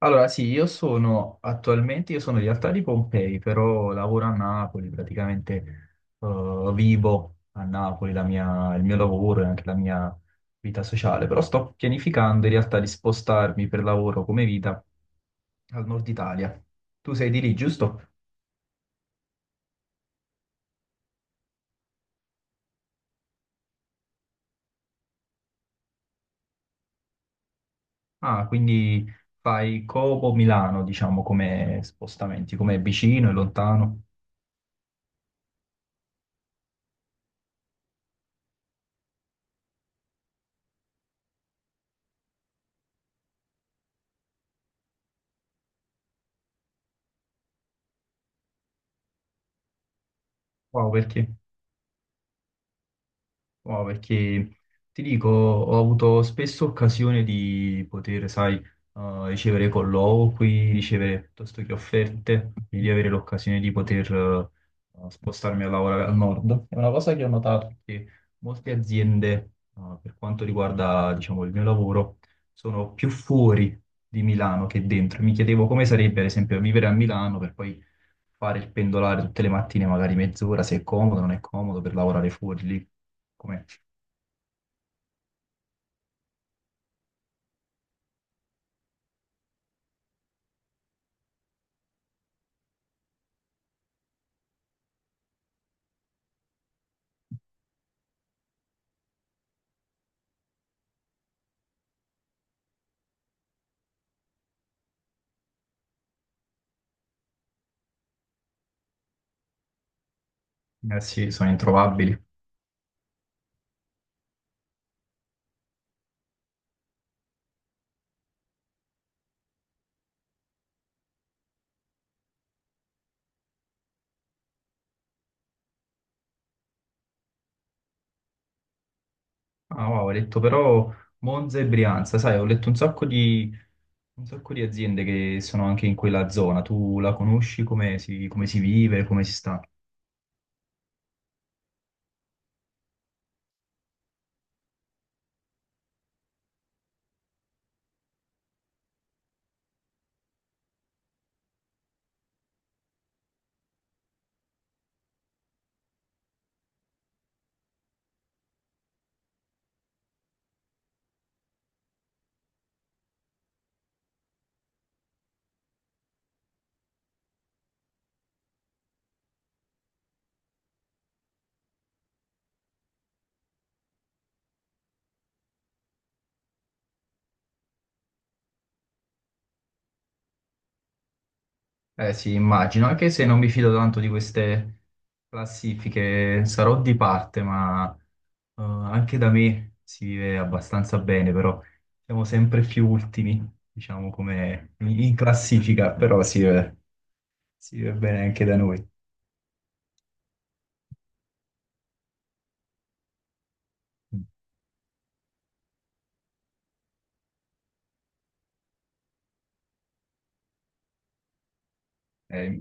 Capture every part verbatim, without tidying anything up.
Allora, sì, io sono attualmente, io sono in realtà di Pompei, però lavoro a Napoli, praticamente eh, vivo a Napoli, la mia- il mio lavoro e anche la mia vita sociale, però sto pianificando in realtà di spostarmi per lavoro come vita al nord Italia. Tu sei di lì, giusto? Ah, quindi fai Como Milano, diciamo, come spostamenti, come vicino e lontano. Wow, perché? No, perché ti dico, ho avuto spesso occasione di poter, sai, eh, ricevere colloqui, ricevere piuttosto che offerte, quindi di avere l'occasione di poter, eh, spostarmi a lavorare al nord. È una cosa che ho notato che molte aziende, eh, per quanto riguarda, diciamo, il mio lavoro, sono più fuori di Milano che dentro. Mi chiedevo come sarebbe, per esempio, vivere a Milano per poi fare il pendolare tutte le mattine, magari mezz'ora, se è comodo, non è comodo per lavorare fuori lì. Come? Eh sì, sono introvabili. Ah, wow, ho letto però Monza e Brianza, sai, ho letto un sacco di, un sacco di aziende che sono anche in quella zona. Tu la conosci, come si, come si vive, come si sta? Eh sì, immagino, anche se non mi fido tanto di queste classifiche, sarò di parte, ma eh, anche da me si vive abbastanza bene, però siamo sempre più ultimi, diciamo, come in in classifica, però si vive, si vive bene anche da noi. Eh,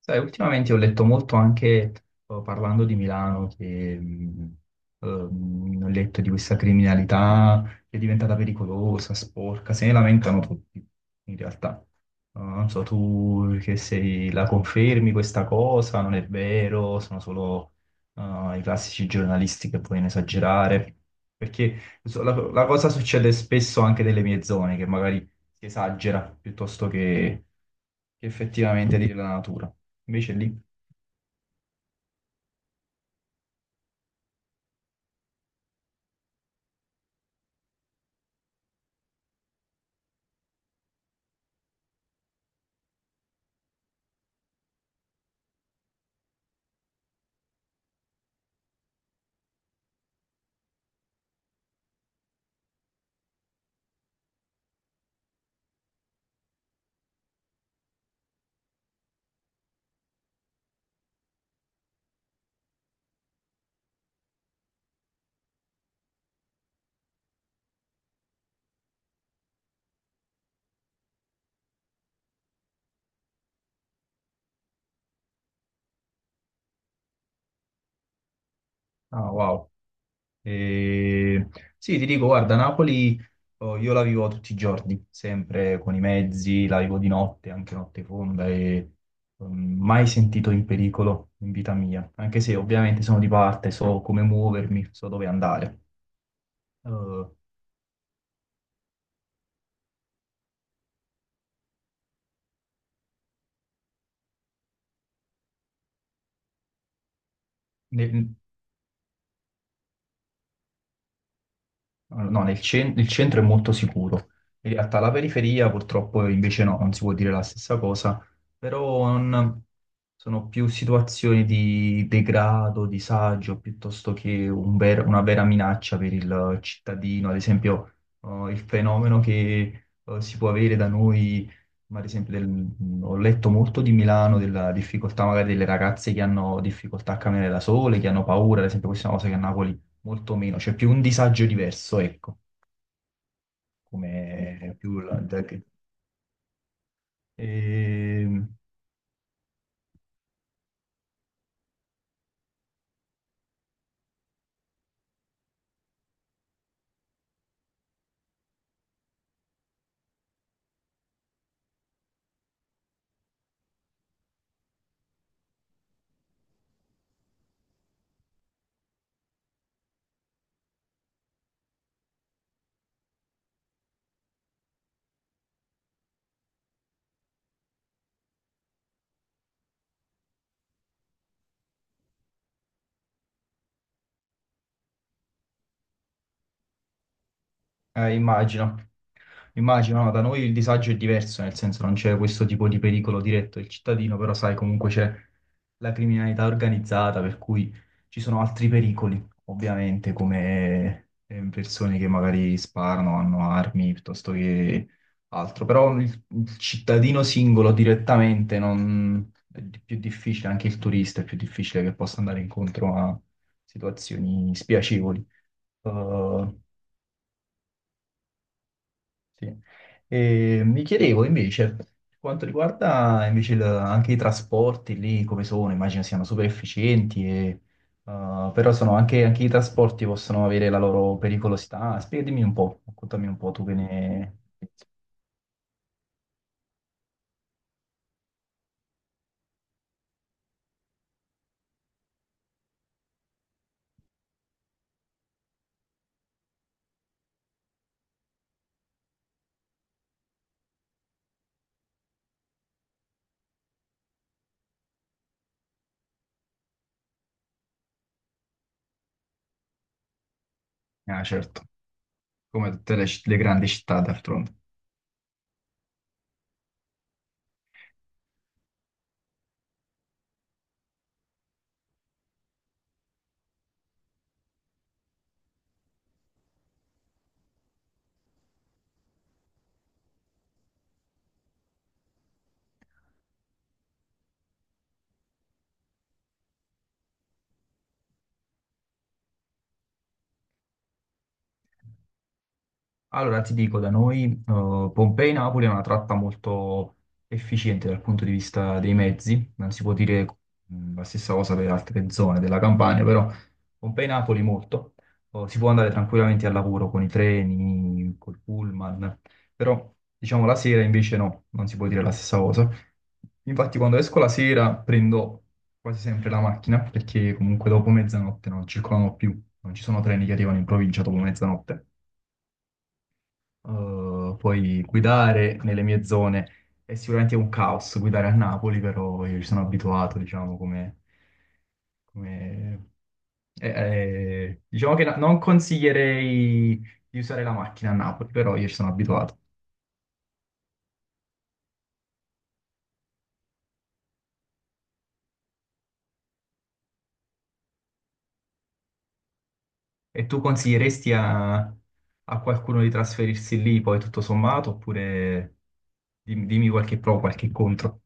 sai, ultimamente ho letto molto anche eh, parlando di Milano, che mh, ehm, ho letto di questa criminalità che è diventata pericolosa, sporca, se ne lamentano tutti, in realtà. Eh, non so, tu che sei, la confermi questa cosa? Non è vero, sono solo eh, i classici giornalisti che vogliono esagerare. Perché so- la, la cosa succede spesso anche nelle mie zone, che magari si esagera piuttosto che, che effettivamente dire la natura. Invece lì, ah, wow. E- Sì, ti dico, guarda, Napoli oh, io la vivo tutti i giorni, sempre con i mezzi, la vivo di notte, anche notte fonda, e mm, mai sentito in pericolo in vita mia, anche se ovviamente sono di parte, so come muovermi, so dove andare. Eh, ne- Allora, no, nel cen- il centro è molto sicuro. In realtà la periferia purtroppo invece no, non si può dire la stessa cosa, però non- sono più situazioni di degrado, disagio, piuttosto che un ver- una vera minaccia per il cittadino. Ad esempio, eh, il fenomeno che eh, si può avere da noi, ma ad esempio del- mm, ho letto molto di Milano, della difficoltà magari delle ragazze che hanno difficoltà a camminare da sole, che hanno paura, ad esempio questa è una cosa che a Napoli molto meno, c'è più un disagio diverso, ecco, come più la- da- che- Ehm, eh, immagino, immagino, no, da noi il disagio è diverso, nel senso non c'è questo tipo di pericolo diretto del cittadino, però sai, comunque c'è la criminalità organizzata, per cui ci sono altri pericoli, ovviamente, come eh, persone che magari sparano, hanno armi, piuttosto che altro, però il, il cittadino singolo direttamente non- è di- più difficile, anche il turista è più difficile che possa andare incontro a situazioni spiacevoli. Eh, sì. E mi chiedevo invece, per quanto riguarda invece il- anche i trasporti lì, come sono, immagino siano super efficienti, e, uh, però sono anche, anche i trasporti possono avere la loro pericolosità. Spiegami un po', raccontami un po' tu che ne... Ah, certo, come tutte le, ci- le grandi città d'altronde. Allora ti dico, da noi eh, Pompei-Napoli è una tratta molto efficiente dal punto di vista dei mezzi, non si può dire mh, la stessa cosa per altre zone della Campania, però Pompei-Napoli molto, oh, si può andare tranquillamente al lavoro con i treni, col pullman, però diciamo la sera invece no, non si può dire la stessa cosa. Infatti quando esco la sera prendo quasi sempre la macchina perché comunque dopo mezzanotte non circolano più, non ci sono treni che arrivano in provincia dopo mezzanotte, eh, poi guidare nelle mie zone è sicuramente un caos guidare a Napoli, però io ci sono abituato, diciamo, come... come- eh, eh, diciamo che no- non consiglierei di usare la macchina a Napoli, però io ci sono abituato. E tu consiglieresti a, a qualcuno di trasferirsi lì poi tutto sommato, oppure dim- dimmi, qualche pro, qualche contro?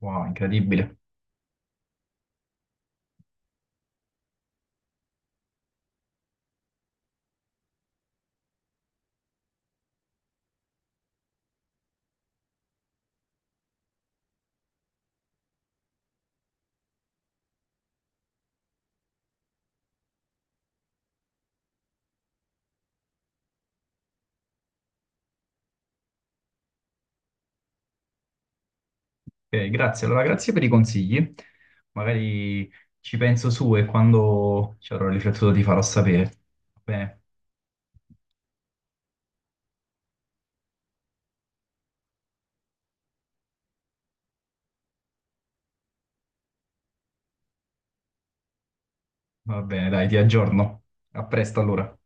Wow, incredibile. Ok, grazie. Allora, grazie per i consigli. Magari ci penso su e quando ci avrò riflettuto ti farò sapere. Va bene, va bene, dai, ti aggiorno. A presto allora.